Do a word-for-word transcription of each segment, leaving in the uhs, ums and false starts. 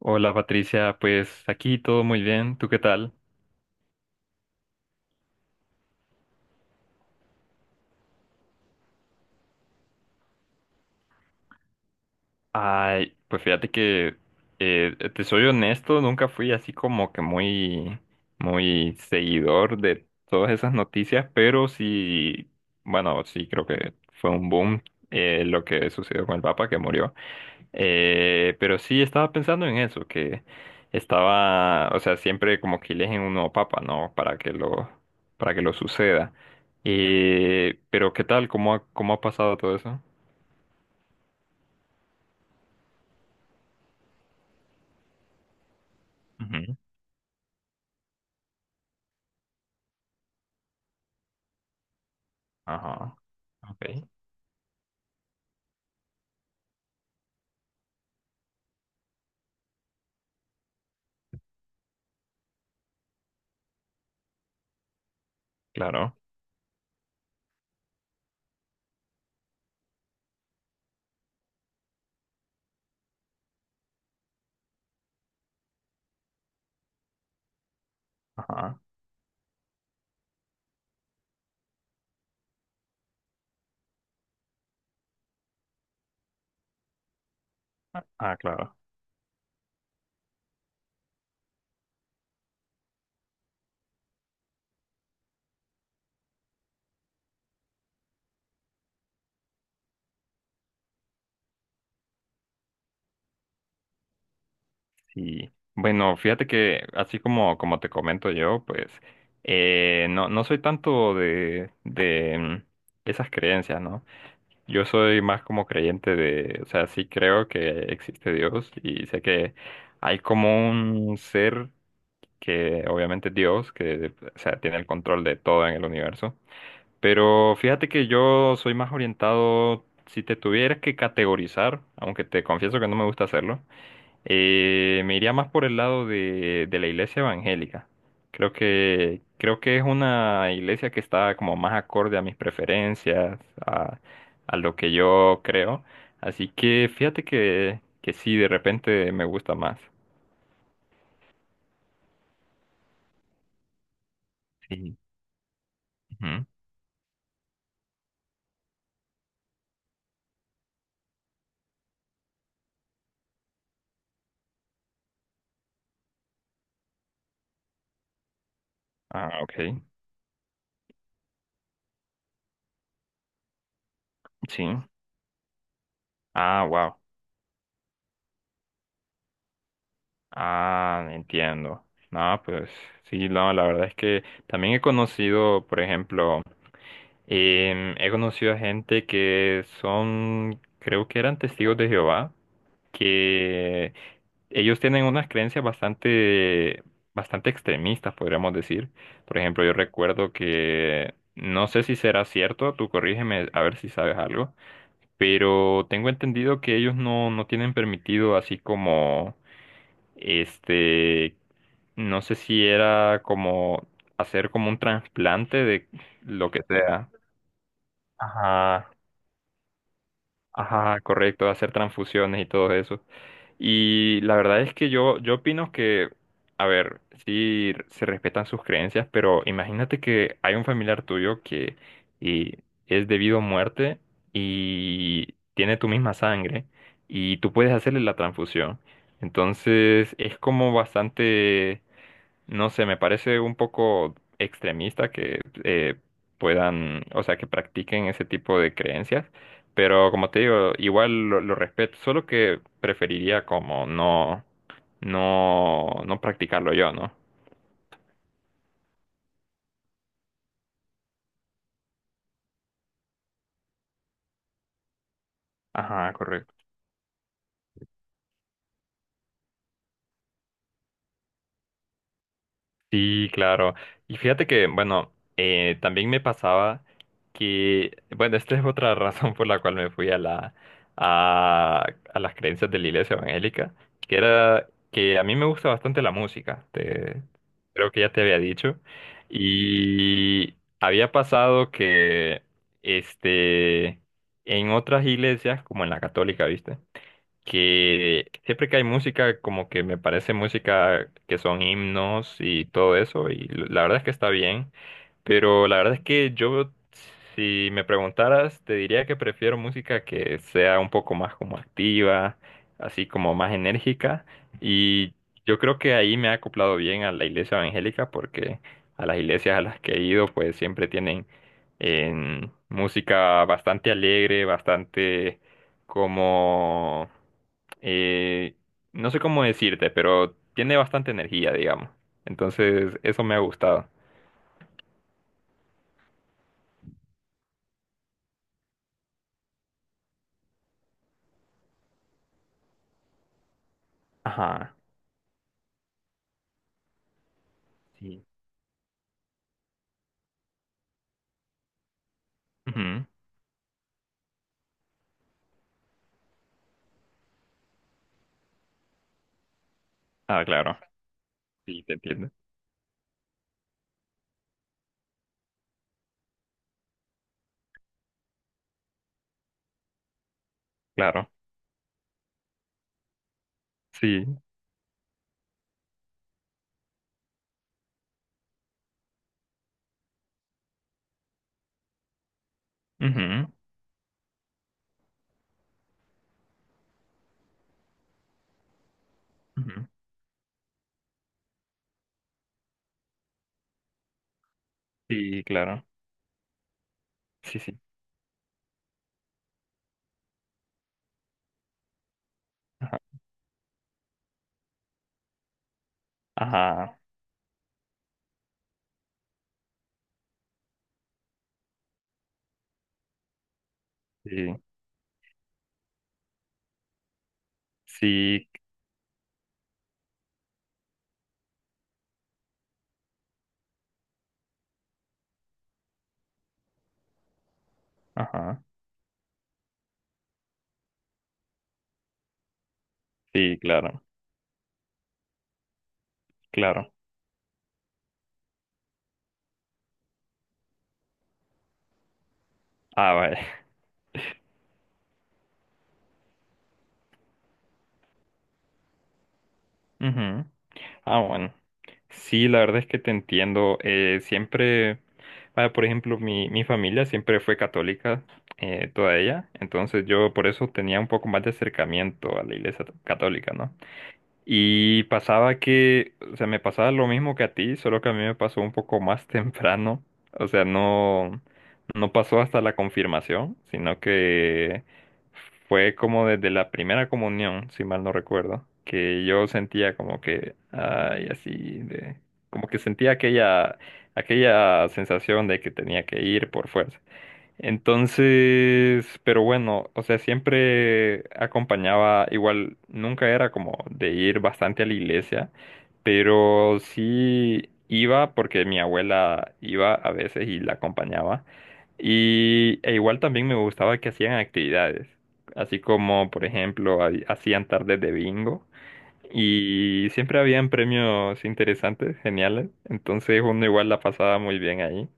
Hola Patricia, pues aquí todo muy bien, ¿tú qué tal? Ay, pues fíjate que eh, te soy honesto, nunca fui así como que muy, muy seguidor de todas esas noticias, pero sí, bueno, sí creo que fue un boom eh, lo que sucedió con el Papa que murió. Eh, pero sí estaba pensando en eso, que estaba, o sea, siempre como que eligen un nuevo papa, ¿no? Para que lo, para que lo suceda. Eh, pero ¿qué tal? ¿Cómo ha, ¿cómo ha pasado todo eso? Ujú. Ajá. Okay, claro. Ajá. Ah, claro. Sí. Bueno, fíjate que así como, como te comento yo, pues eh, no, no soy tanto de, de mm, esas creencias, ¿no? Yo soy más como creyente de, o sea, sí creo que existe Dios y sé que hay como un ser que obviamente es Dios, que, o sea, tiene el control de todo en el universo. Pero fíjate que yo soy más orientado, si te tuvieras que categorizar, aunque te confieso que no me gusta hacerlo, eh, me iría más por el lado de, de la iglesia evangélica. Creo que, creo que es una iglesia que está como más acorde a mis preferencias, a, a lo que yo creo. Así que fíjate que, que sí, de repente me gusta más. Sí. Ujú. Ah, ok. Sí. Ah, wow. Ah, entiendo. No, pues sí, no, la verdad es que también he conocido, por ejemplo, Em, he conocido a gente que son, creo que eran testigos de Jehová, que ellos tienen unas creencias bastante, bastante extremistas, podríamos decir. Por ejemplo, yo recuerdo que, no sé si será cierto, tú corrígeme a ver si sabes algo, pero tengo entendido que ellos no, no tienen permitido así como, este, no sé si era como hacer como un trasplante de lo que sea. Ajá. Ajá, correcto, hacer transfusiones y todo eso. Y la verdad es que yo, yo opino que, a ver, sí se respetan sus creencias, pero imagínate que hay un familiar tuyo que y es debido a muerte y tiene tu misma sangre y tú puedes hacerle la transfusión. Entonces es como bastante, no sé, me parece un poco extremista que eh, puedan, o sea, que practiquen ese tipo de creencias. Pero como te digo, igual lo, lo respeto, solo que preferiría como no, no, no practicarlo yo, ¿no? Ajá, correcto. Sí, claro. Y fíjate que, bueno, eh, también me pasaba que, bueno, esta es otra razón por la cual me fui a la, a, a las creencias de la iglesia evangélica, que era que a mí me gusta bastante la música, te, creo que ya te había dicho, y había pasado que, este, en otras iglesias, como en la católica, ¿viste? Que siempre que hay música, como que me parece música que son himnos y todo eso, y l- la verdad es que está bien, pero la verdad es que yo, si me preguntaras, te diría que prefiero música que sea un poco más como activa, así como más enérgica, y yo creo que ahí me ha acoplado bien a la iglesia evangélica, porque a las iglesias a las que he ido, pues siempre tienen em, música bastante alegre, bastante como eh, no sé cómo decirte, pero tiene bastante energía, digamos. Entonces, eso me ha gustado. Ajá, sí. Ujú. Ah, claro. Sí, te entiendo. Claro. Sí. Ujú, ujú. Sí, claro. Sí, sí. Ajá. Ajá. Sí. Sí. Ajá. Sí, claro. Claro. Ah, vaya. Ujú. Ah, bueno. Sí, la verdad es que te entiendo. Eh, siempre, vaya, por ejemplo, mi, mi familia siempre fue católica, eh, toda ella. Entonces yo por eso tenía un poco más de acercamiento a la iglesia católica, ¿no? Y pasaba que, o sea, me pasaba lo mismo que a ti, solo que a mí me pasó un poco más temprano. O sea, no, no pasó hasta la confirmación, sino que fue como desde la primera comunión, si mal no recuerdo, que yo sentía como que, ay, así de, como que sentía aquella, aquella sensación de que tenía que ir por fuerza. Entonces, pero bueno, o sea, siempre acompañaba, igual nunca era como de ir bastante a la iglesia, pero sí iba porque mi abuela iba a veces y la acompañaba. Y e igual también me gustaba que hacían actividades, así como, por ejemplo, ha- hacían tardes de bingo. Y siempre habían premios interesantes, geniales. Entonces uno igual la pasaba muy bien ahí.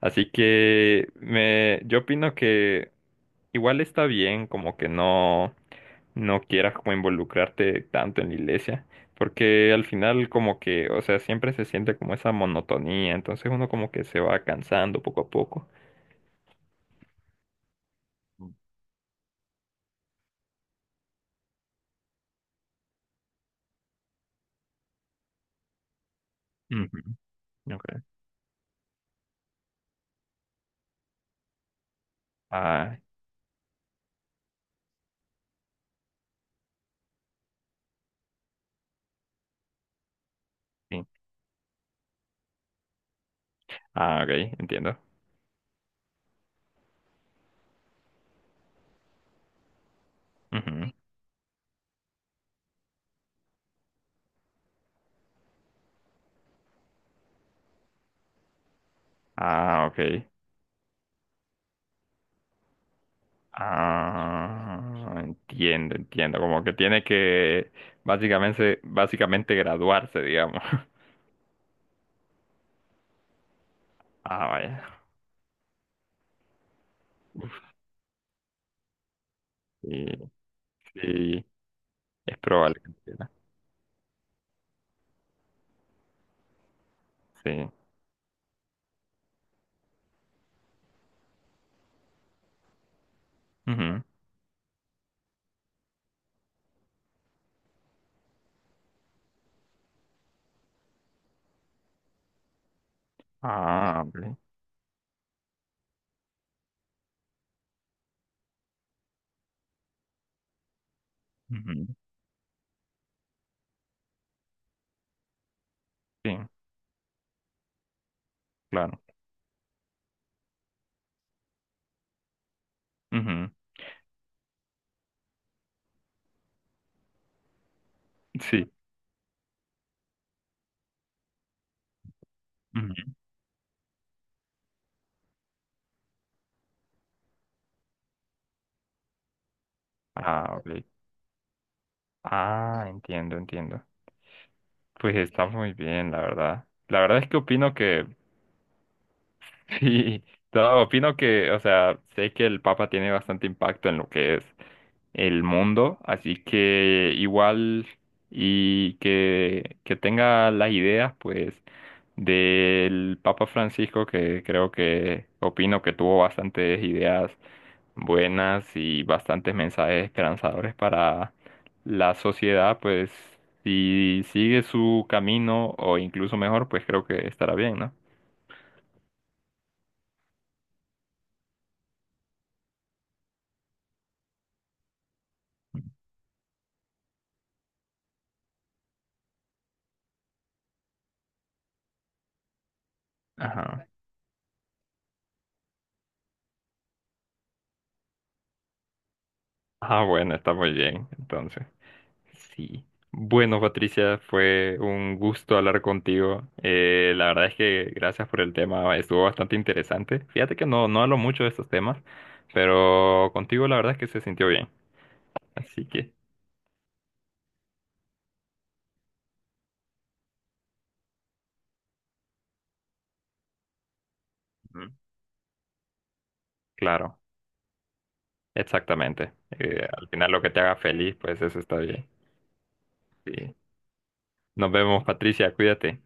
Así que me, yo opino que igual está bien como que no, no quieras como involucrarte tanto en la iglesia. Porque al final como que, o sea, siempre se siente como esa monotonía. Entonces uno como que se va cansando poco a poco. Ujú, ok. Ah, sí. Ah, ok, entiendo. Ujú. Ah, ok. Ah, entiendo, entiendo. Como que tiene que básicamente, básicamente graduarse, digamos. Ah, vaya. Sí, sí, es probable que entienda. Sí. Ujú. Ah, vale. Ujú. Sí, claro. Ujú. Sí. Ujú. Ah, vale. Ah, entiendo, entiendo. Pues está muy bien, la verdad. La verdad es que opino que, sí, no, opino que, o sea, sé que el Papa tiene bastante impacto en lo que es el mundo, así que igual y que, que tenga las ideas pues del Papa Francisco que creo que opino que tuvo bastantes ideas buenas y bastantes mensajes esperanzadores para la sociedad, pues si sigue su camino o incluso mejor, pues creo que estará bien, ¿no? Ajá. Ah, bueno, está muy bien, entonces. Sí. Bueno, Patricia, fue un gusto hablar contigo. Eh, la verdad es que gracias por el tema, estuvo bastante interesante. Fíjate que no, no hablo mucho de estos temas, pero contigo la verdad es que se sintió bien. Así que, Ujú, claro, exactamente. Eh, al final lo que te haga feliz, pues eso está bien. Sí. Nos vemos, Patricia, cuídate.